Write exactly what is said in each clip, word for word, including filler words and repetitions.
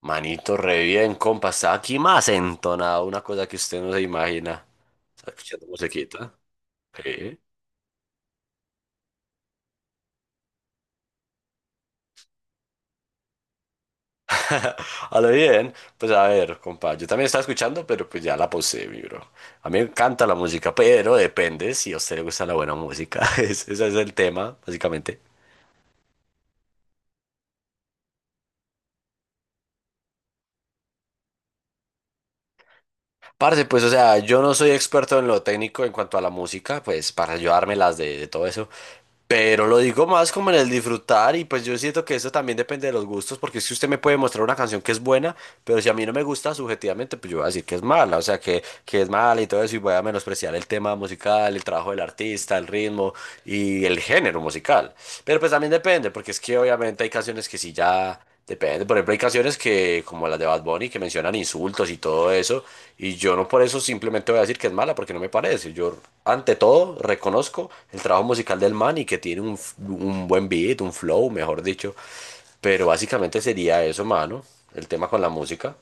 Manito, re bien, compa. Está aquí más entonado, una cosa que usted no se imagina. Está escuchando musiquita. Sí. A lo bien, pues a ver, compa. Yo también estaba escuchando, pero pues ya la pausé, mi bro. A mí me encanta la música, pero depende si a usted le gusta la buena música. Ese ese es el tema, básicamente. Parce, pues, o sea, yo no soy experto en lo técnico en cuanto a la música, pues, para ayudármelas de, de todo eso. Pero lo digo más como en el disfrutar y pues yo siento que eso también depende de los gustos, porque si usted me puede mostrar una canción que es buena, pero si a mí no me gusta subjetivamente, pues yo voy a decir que es mala, o sea, que, que es mala y todo eso, y voy a menospreciar el tema musical, el trabajo del artista, el ritmo y el género musical. Pero pues también depende, porque es que obviamente hay canciones que sí ya... Depende, por ejemplo, hay canciones que, como las de Bad Bunny, que mencionan insultos y todo eso, y yo no por eso simplemente voy a decir que es mala, porque no me parece. Yo, ante todo, reconozco el trabajo musical del man y que tiene un, f- un buen beat, un flow, mejor dicho, pero básicamente sería eso, mano, el tema con la música.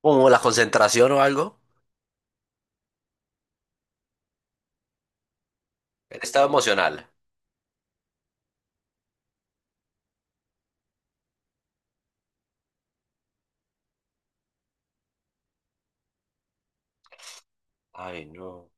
Como la concentración o algo. El estado emocional. Ay, no.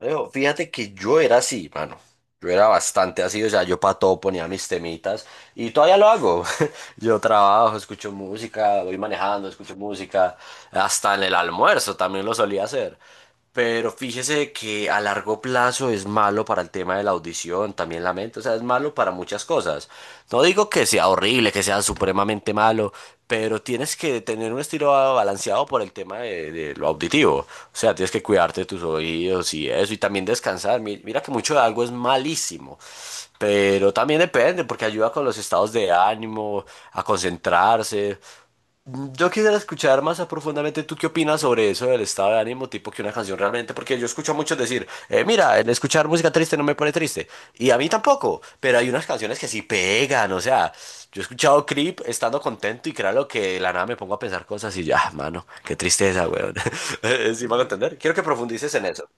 Alejo, fíjate que yo era así, mano. Yo era bastante así, o sea, yo para todo ponía mis temitas y todavía lo hago. Yo trabajo, escucho música, voy manejando, escucho música, hasta en el almuerzo también lo solía hacer. Pero fíjese que a largo plazo es malo para el tema de la audición depresión, también la mente, o sea, es malo para muchas cosas. No digo que sea horrible, que sea supremamente malo, pero tienes que tener un estilo balanceado por el tema de, de lo auditivo. O sea, tienes que cuidarte de tus oídos y eso, y también descansar. Mi- Mira que mucho de algo es malísimo, pero también depende, porque ayuda con los estados de ánimo, a concentrarse. Yo quisiera escuchar más a profundamente tú qué opinas sobre eso del estado de ánimo, tipo que una canción realmente, porque yo escucho a muchos decir, eh, mira, el escuchar música triste no me pone triste, y a mí tampoco, pero hay unas canciones que sí pegan, o sea, yo he escuchado Creep estando contento y créalo que de la nada me pongo a pensar cosas y ya, mano, qué tristeza, weón. Sí, me van a entender. Quiero que profundices en eso.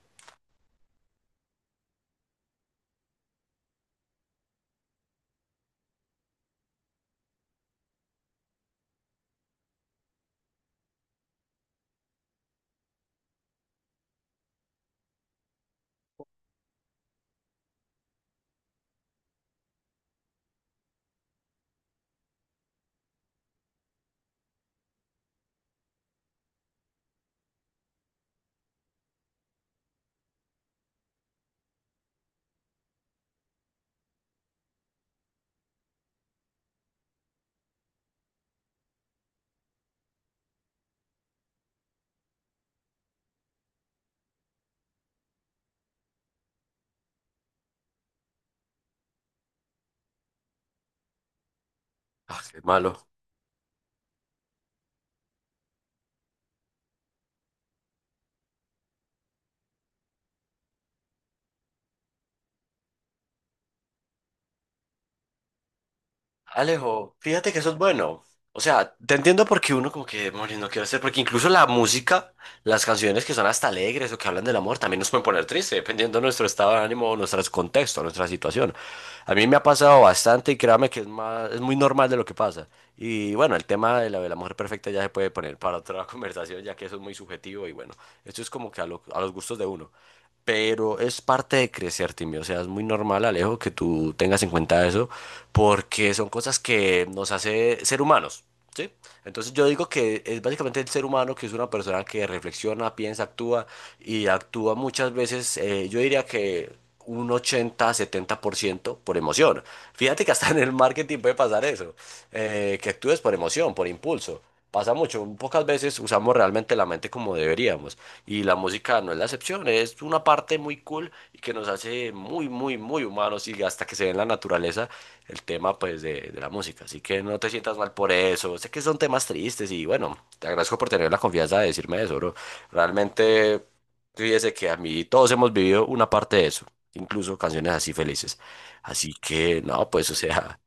Ah, qué malo. Alejo, fíjate que eso es bueno. O sea, te entiendo porque uno como que, demonios, no quiero hacer, porque incluso la música, las canciones que son hasta alegres o que hablan del amor, también nos pueden poner triste dependiendo de nuestro estado de ánimo, o nuestro contexto, nuestra situación. A mí me ha pasado bastante y créame que es más, es muy normal de lo que pasa. Y bueno, el tema de la, de la mujer perfecta ya se puede poner para otra conversación, ya que eso es muy subjetivo y bueno, esto es como que a, lo- a los gustos de uno pero es parte de crecer, Timmy. O sea, es muy normal, Alejo, que tú tengas en cuenta eso, porque son cosas que nos hace ser humanos, ¿sí? Entonces yo digo que es básicamente el ser humano que es una persona que reflexiona, piensa, actúa y actúa muchas veces, eh, yo diría que un ochenta-setenta por ciento por emoción. Fíjate que hasta en el marketing puede pasar eso, eh, que actúes por emoción, por impulso. Pasa mucho, pocas veces usamos realmente la mente como deberíamos. Y la música no es la excepción, es una parte muy cool y que nos hace muy, muy, muy humanos y hasta que se ve en la naturaleza el tema pues de, de la música. Así que no te sientas mal por eso. Sé que son temas tristes y bueno, te agradezco por tener la confianza de decirme eso, bro. Realmente, fíjese que a mí todos hemos vivido una parte de eso, incluso canciones así felices. Así que no, pues o sea,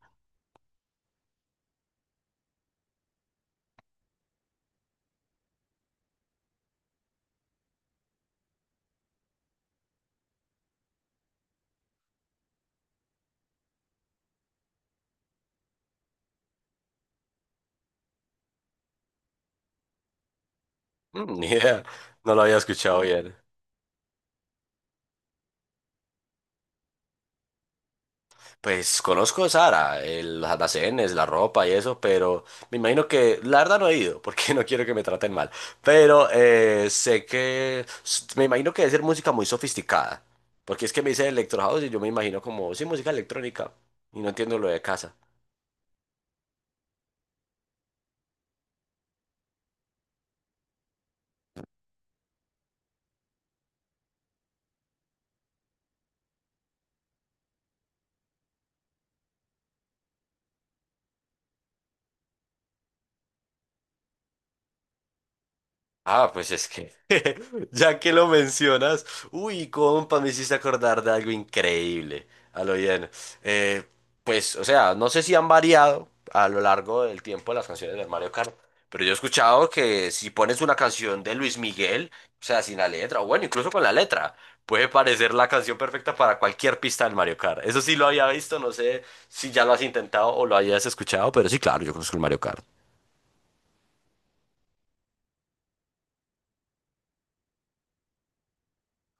ni idea, no lo había escuchado bien. Pues conozco Sara, el- los almacenes, la ropa y eso, pero me imagino que la verdad no he ido, porque no quiero que me traten mal. Pero eh, sé que s- me imagino que debe ser música muy sofisticada, porque es que me dice electro house y yo me imagino como, sí, música electrónica, y no entiendo lo de casa. Ah, pues es que, ya que lo mencionas, uy, compa, me hiciste acordar de algo increíble, a lo bien. Eh, pues, o sea, no sé si han variado a lo largo del tiempo las canciones del Mario Kart, pero yo he escuchado que si pones una canción de Luis Miguel, o sea, sin la letra, o bueno, incluso con la letra, puede parecer la canción perfecta para cualquier pista del Mario Kart. Eso sí lo había visto, no sé si ya lo has intentado o lo hayas escuchado, pero sí, claro, yo conozco el Mario Kart.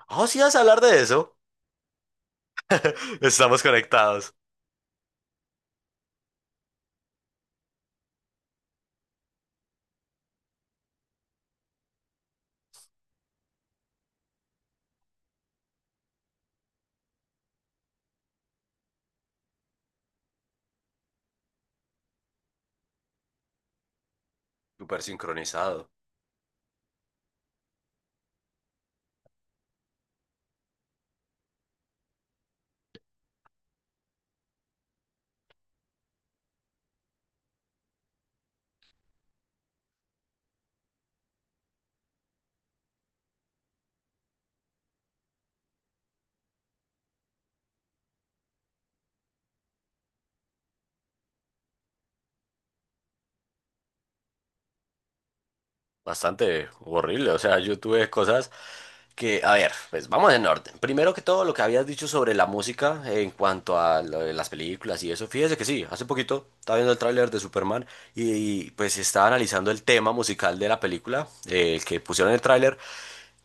Oh, sí, vas a hablar de eso. Estamos conectados. Súper sincronizado. Bastante horrible. O sea, yo tuve cosas que, a ver, pues vamos en orden. Primero que todo, lo que habías dicho sobre la música en cuanto a lo de las películas y eso. Fíjese que sí, hace poquito estaba viendo el tráiler de Superman y, y, pues estaba analizando el tema musical de la película, eh, el que pusieron en el tráiler.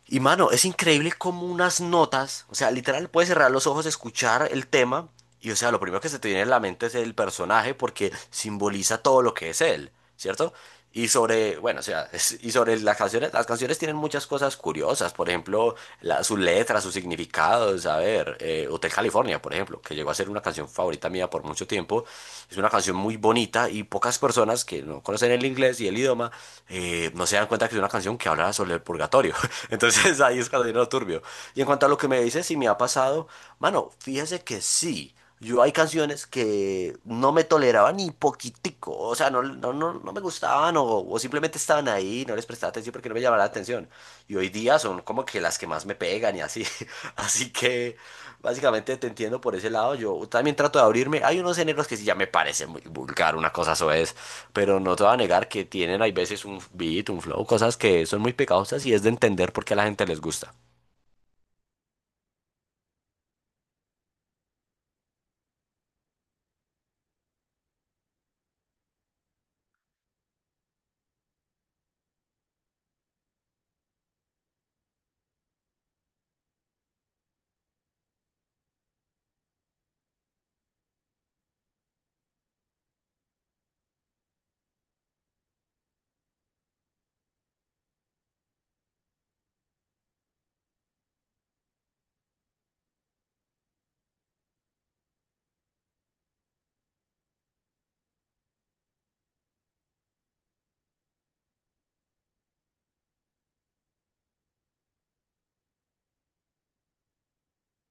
Y mano, es increíble como unas notas, o sea, literal puedes cerrar los ojos, escuchar el tema y o sea, lo primero que se te viene en la mente es el personaje porque simboliza todo lo que es él, ¿cierto? Y sobre, bueno, o sea, es- y sobre las canciones, las canciones tienen muchas cosas curiosas, por ejemplo, la- sus letras, sus significados, a ver, eh, Hotel California, por ejemplo, que llegó a ser una canción favorita mía por mucho tiempo, tiempo. Es una canción muy bonita y pocas personas que no conocen el inglés y el idioma eh, no se dan cuenta que es una canción que habla sobre el purgatorio. Entonces ahí es cuando viene lo turbio. Y en cuanto a lo que me dices, si me ha pasado, mano, fíjese que sí. Yo hay canciones que no me toleraban ni poquitico, o sea, no, no, no, no me gustaban o, o simplemente estaban ahí, no les prestaba atención porque no me llamaba la atención. Y hoy día son como que las que más me pegan y así. Así que básicamente te entiendo por ese lado. Yo también trato de abrirme. Hay unos géneros que sí ya me parece muy vulgar, una cosa soez, pero no te voy a negar que tienen, hay veces, un beat, un flow, cosas que son muy pegajosas y es de entender por qué a la gente les gusta.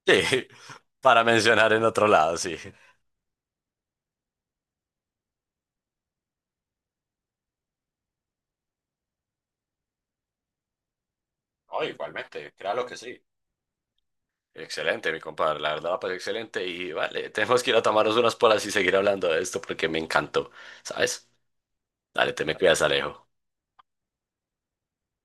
Sí, para mencionar en otro lado, sí. No, igualmente, créalo que sí. Excelente, mi compadre, la verdad la excelente y vale, tenemos que ir a tomarnos unas polas y seguir hablando de esto porque me encantó, ¿sabes? Dale, te me cuidas, Alejo.